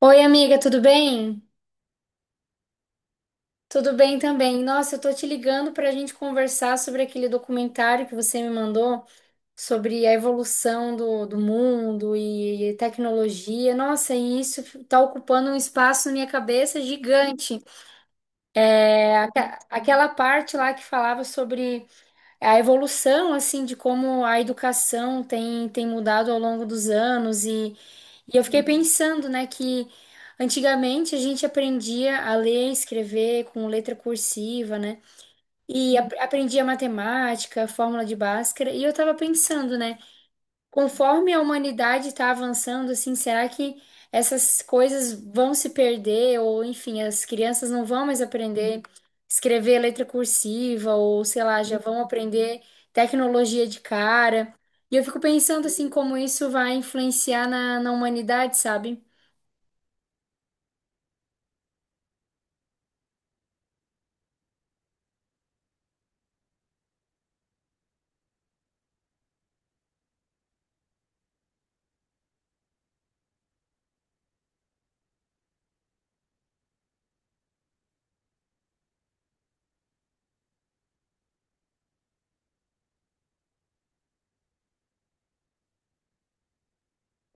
Oi, amiga, tudo bem? Tudo bem também. Nossa, eu tô te ligando pra gente conversar sobre aquele documentário que você me mandou sobre a evolução do mundo e tecnologia. Nossa, e isso tá ocupando um espaço na minha cabeça gigante. É, aque- Aquela parte lá que falava sobre a evolução, assim, de como a educação tem mudado ao longo dos anos, e eu fiquei pensando, né, que antigamente a gente aprendia a ler e escrever com letra cursiva, né? E aprendia matemática, fórmula de Bhaskara, e eu tava pensando, né, conforme a humanidade está avançando, assim, será que essas coisas vão se perder? Ou, enfim, as crianças não vão mais aprender escrever letra cursiva, ou sei lá, já vão aprender tecnologia de cara. E eu fico pensando, assim, como isso vai influenciar na humanidade, sabe?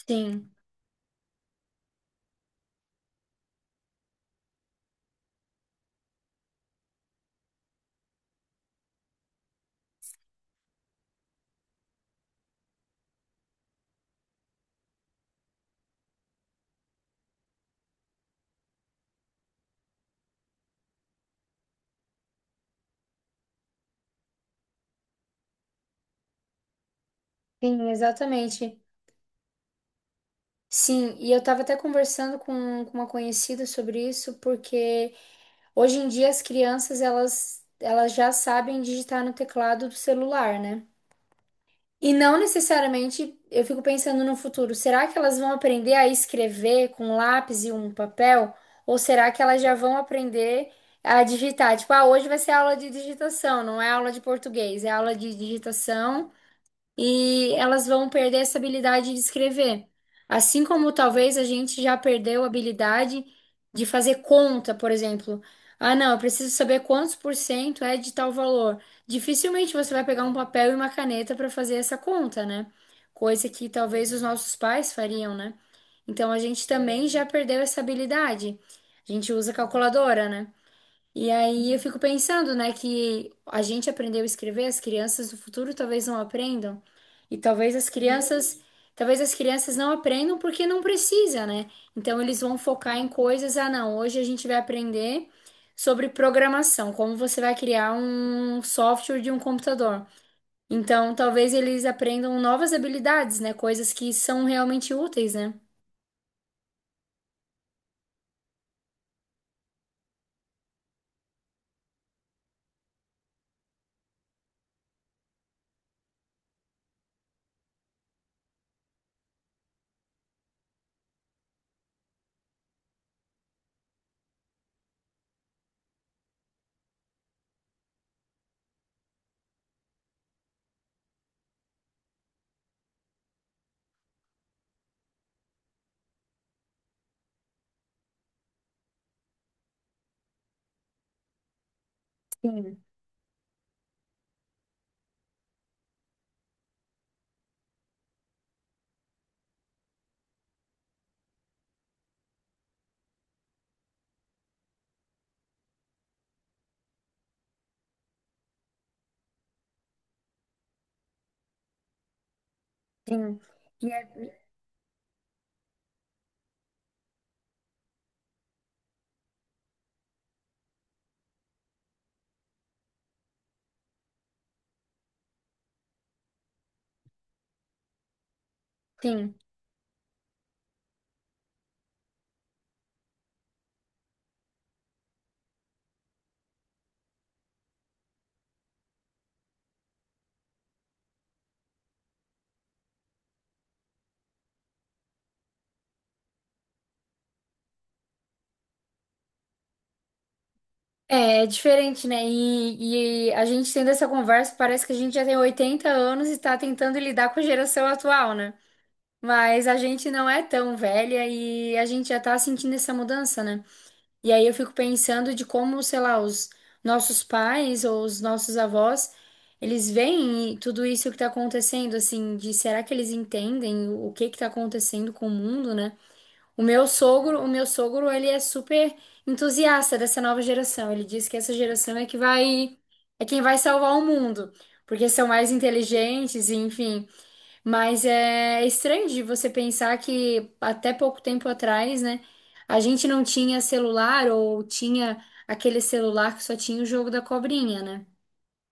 Sim, sim, exatamente. Sim, e eu estava até conversando com uma conhecida sobre isso, porque hoje em dia as crianças elas já sabem digitar no teclado do celular, né? E não necessariamente, eu fico pensando no futuro, será que elas vão aprender a escrever com lápis e um papel? Ou será que elas já vão aprender a digitar? Tipo, ah, hoje vai ser aula de digitação, não é aula de português, é aula de digitação, e elas vão perder essa habilidade de escrever. Assim como talvez a gente já perdeu a habilidade de fazer conta, por exemplo. Ah, não, eu preciso saber quantos por cento é de tal valor. Dificilmente você vai pegar um papel e uma caneta para fazer essa conta, né? Coisa que talvez os nossos pais fariam, né? Então a gente também já perdeu essa habilidade. A gente usa calculadora, né? E aí eu fico pensando, né, que a gente aprendeu a escrever, as crianças do futuro talvez não aprendam. E talvez as crianças não aprendam porque não precisa, né? Então eles vão focar em coisas, ah, não, hoje a gente vai aprender sobre programação, como você vai criar um software de um computador. Então talvez eles aprendam novas habilidades, né, coisas que são realmente úteis, né? Sim, sim. E é- Sim. É, é diferente, né? E a gente tendo essa conversa, parece que a gente já tem 80 anos e tá tentando lidar com a geração atual, né? Mas a gente não é tão velha e a gente já tá sentindo essa mudança, né? E aí eu fico pensando de como, sei lá, os nossos pais ou os nossos avós, eles veem tudo isso que tá acontecendo, assim, de será que eles entendem o que que tá acontecendo com o mundo, né? O meu sogro, ele é super entusiasta dessa nova geração. Ele diz que essa geração é que vai, é quem vai salvar o mundo, porque são mais inteligentes, e enfim. Mas é estranho de você pensar que até pouco tempo atrás, né, a gente não tinha celular ou tinha aquele celular que só tinha o jogo da cobrinha, né?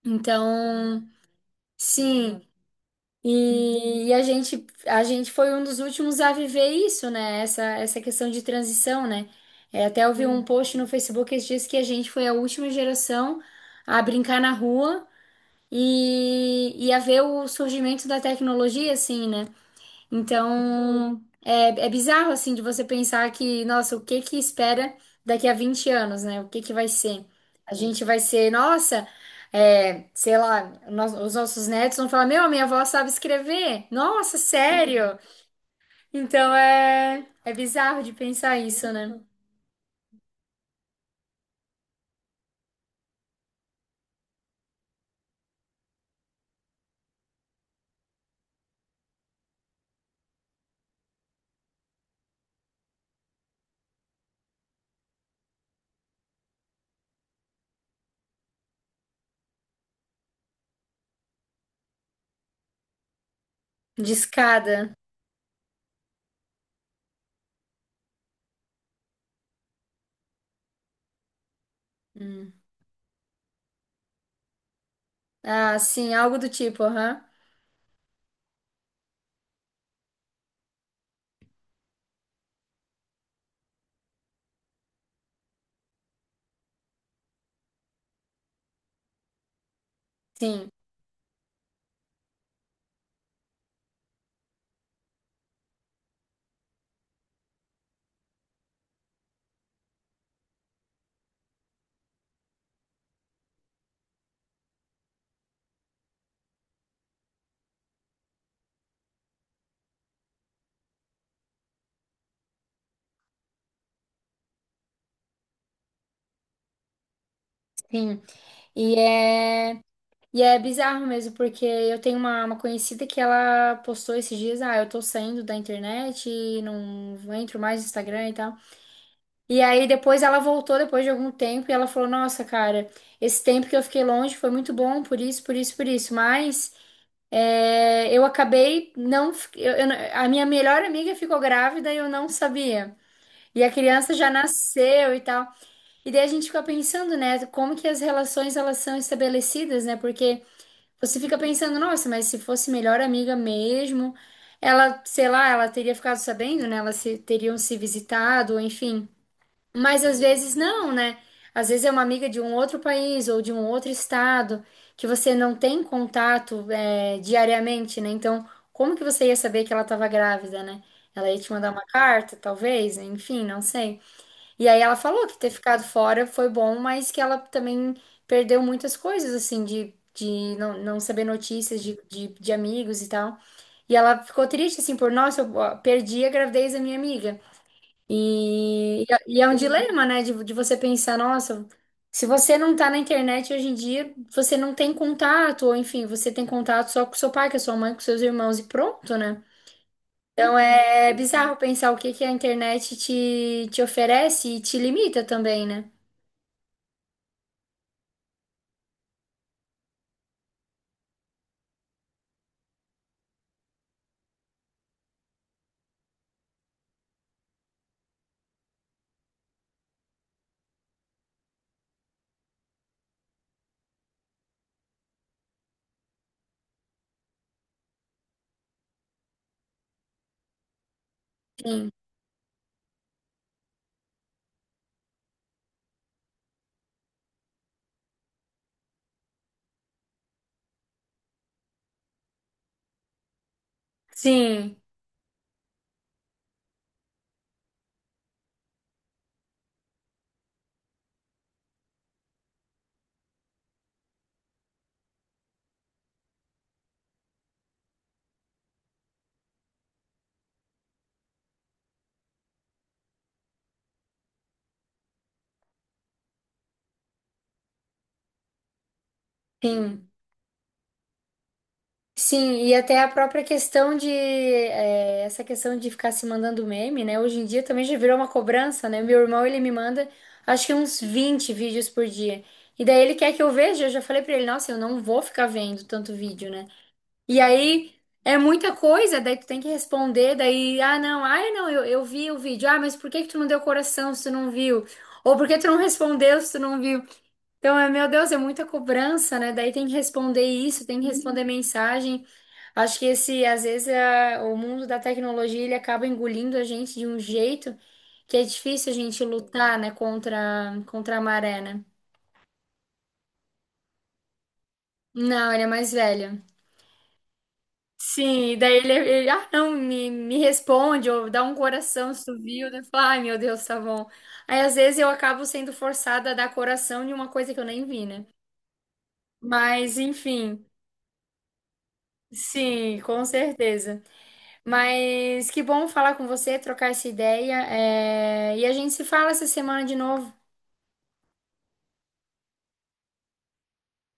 Então, sim, e, e a gente foi um dos últimos a viver isso, né? Essa questão de transição, né? É, até eu vi um Sim. Post no Facebook esses dias que a gente foi a última geração a brincar na rua e a ver o surgimento da tecnologia, assim, né? Então, é, é bizarro, assim, de você pensar que, nossa, o que que espera daqui a 20 anos, né? O que que vai ser? A gente vai ser, nossa, é, sei lá, nós- os nossos netos vão falar, meu, a minha avó sabe escrever. Nossa, sério? Então, é, é bizarro de pensar isso, né? De escada. Hum. Ah, sim, algo do tipo, aham. Sim, sim. E é. E é bizarro mesmo, porque eu tenho uma conhecida que ela postou esses dias, ah, eu tô saindo da internet, e não entro mais no Instagram e tal. E aí depois ela voltou depois de algum tempo e ela falou, nossa, cara, esse tempo que eu fiquei longe foi muito bom, por isso, por isso, por isso. Mas é, eu acabei não, fi- eu não- a minha melhor amiga ficou grávida e eu não sabia. E a criança já nasceu e tal. E daí a gente fica pensando, né, como que as relações elas são estabelecidas, né? Porque você fica pensando, nossa, mas se fosse melhor amiga mesmo, ela, sei lá, ela teria ficado sabendo, né? Elas se- teriam se visitado, enfim. Mas às vezes não, né? Às vezes é uma amiga de um outro país ou de um outro estado que você não tem contato, é, diariamente, né? Então, como que você ia saber que ela estava grávida, né? Ela ia te mandar uma carta, talvez, enfim, não sei. E aí ela falou que ter ficado fora foi bom, mas que ela também perdeu muitas coisas, assim, de não saber notícias de amigos e tal. E ela ficou triste, assim, por, nossa, eu ó, perdi a gravidez da minha amiga. E é um dilema, né, de você pensar, nossa, se você não tá na internet hoje em dia, você não tem contato, ou enfim, você tem contato só com seu pai, com a sua mãe, com seus irmãos e pronto, né? Então é bizarro pensar o que que a internet te oferece e te limita também, né? Sim, sim, sim. Sim, e até a própria questão de é, essa questão de ficar se mandando meme, né? Hoje em dia também já virou uma cobrança, né? Meu irmão, ele me manda acho que uns 20 vídeos por dia. E daí ele quer que eu veja, eu já falei pra ele, nossa, eu não vou ficar vendo tanto vídeo, né? E aí é muita coisa, daí tu tem que responder, daí, ah, não, ai, não, eu vi o vídeo. Ah, mas por que que tu não deu coração se tu não viu? Ou por que tu não respondeu se tu não viu? Então, é, meu Deus, é muita cobrança, né? Daí tem que responder isso, tem que responder mensagem. Acho que esse, às vezes, o mundo da tecnologia, ele acaba engolindo a gente de um jeito que é difícil a gente lutar, né, contra a maré, né? Não, ele é mais velho. Sim, e daí ele, ah, não, me responde, ou dá um coração se tu viu, daí eu ai meu Deus, tá bom. Aí às vezes eu acabo sendo forçada a dar coração de uma coisa que eu nem vi, né? Mas enfim, sim, com certeza. Mas que bom falar com você, trocar essa ideia, é, e a gente se fala essa semana de novo.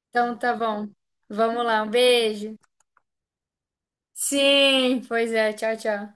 Então tá bom, vamos lá, um beijo. Sim, pois é, tchau, tchau.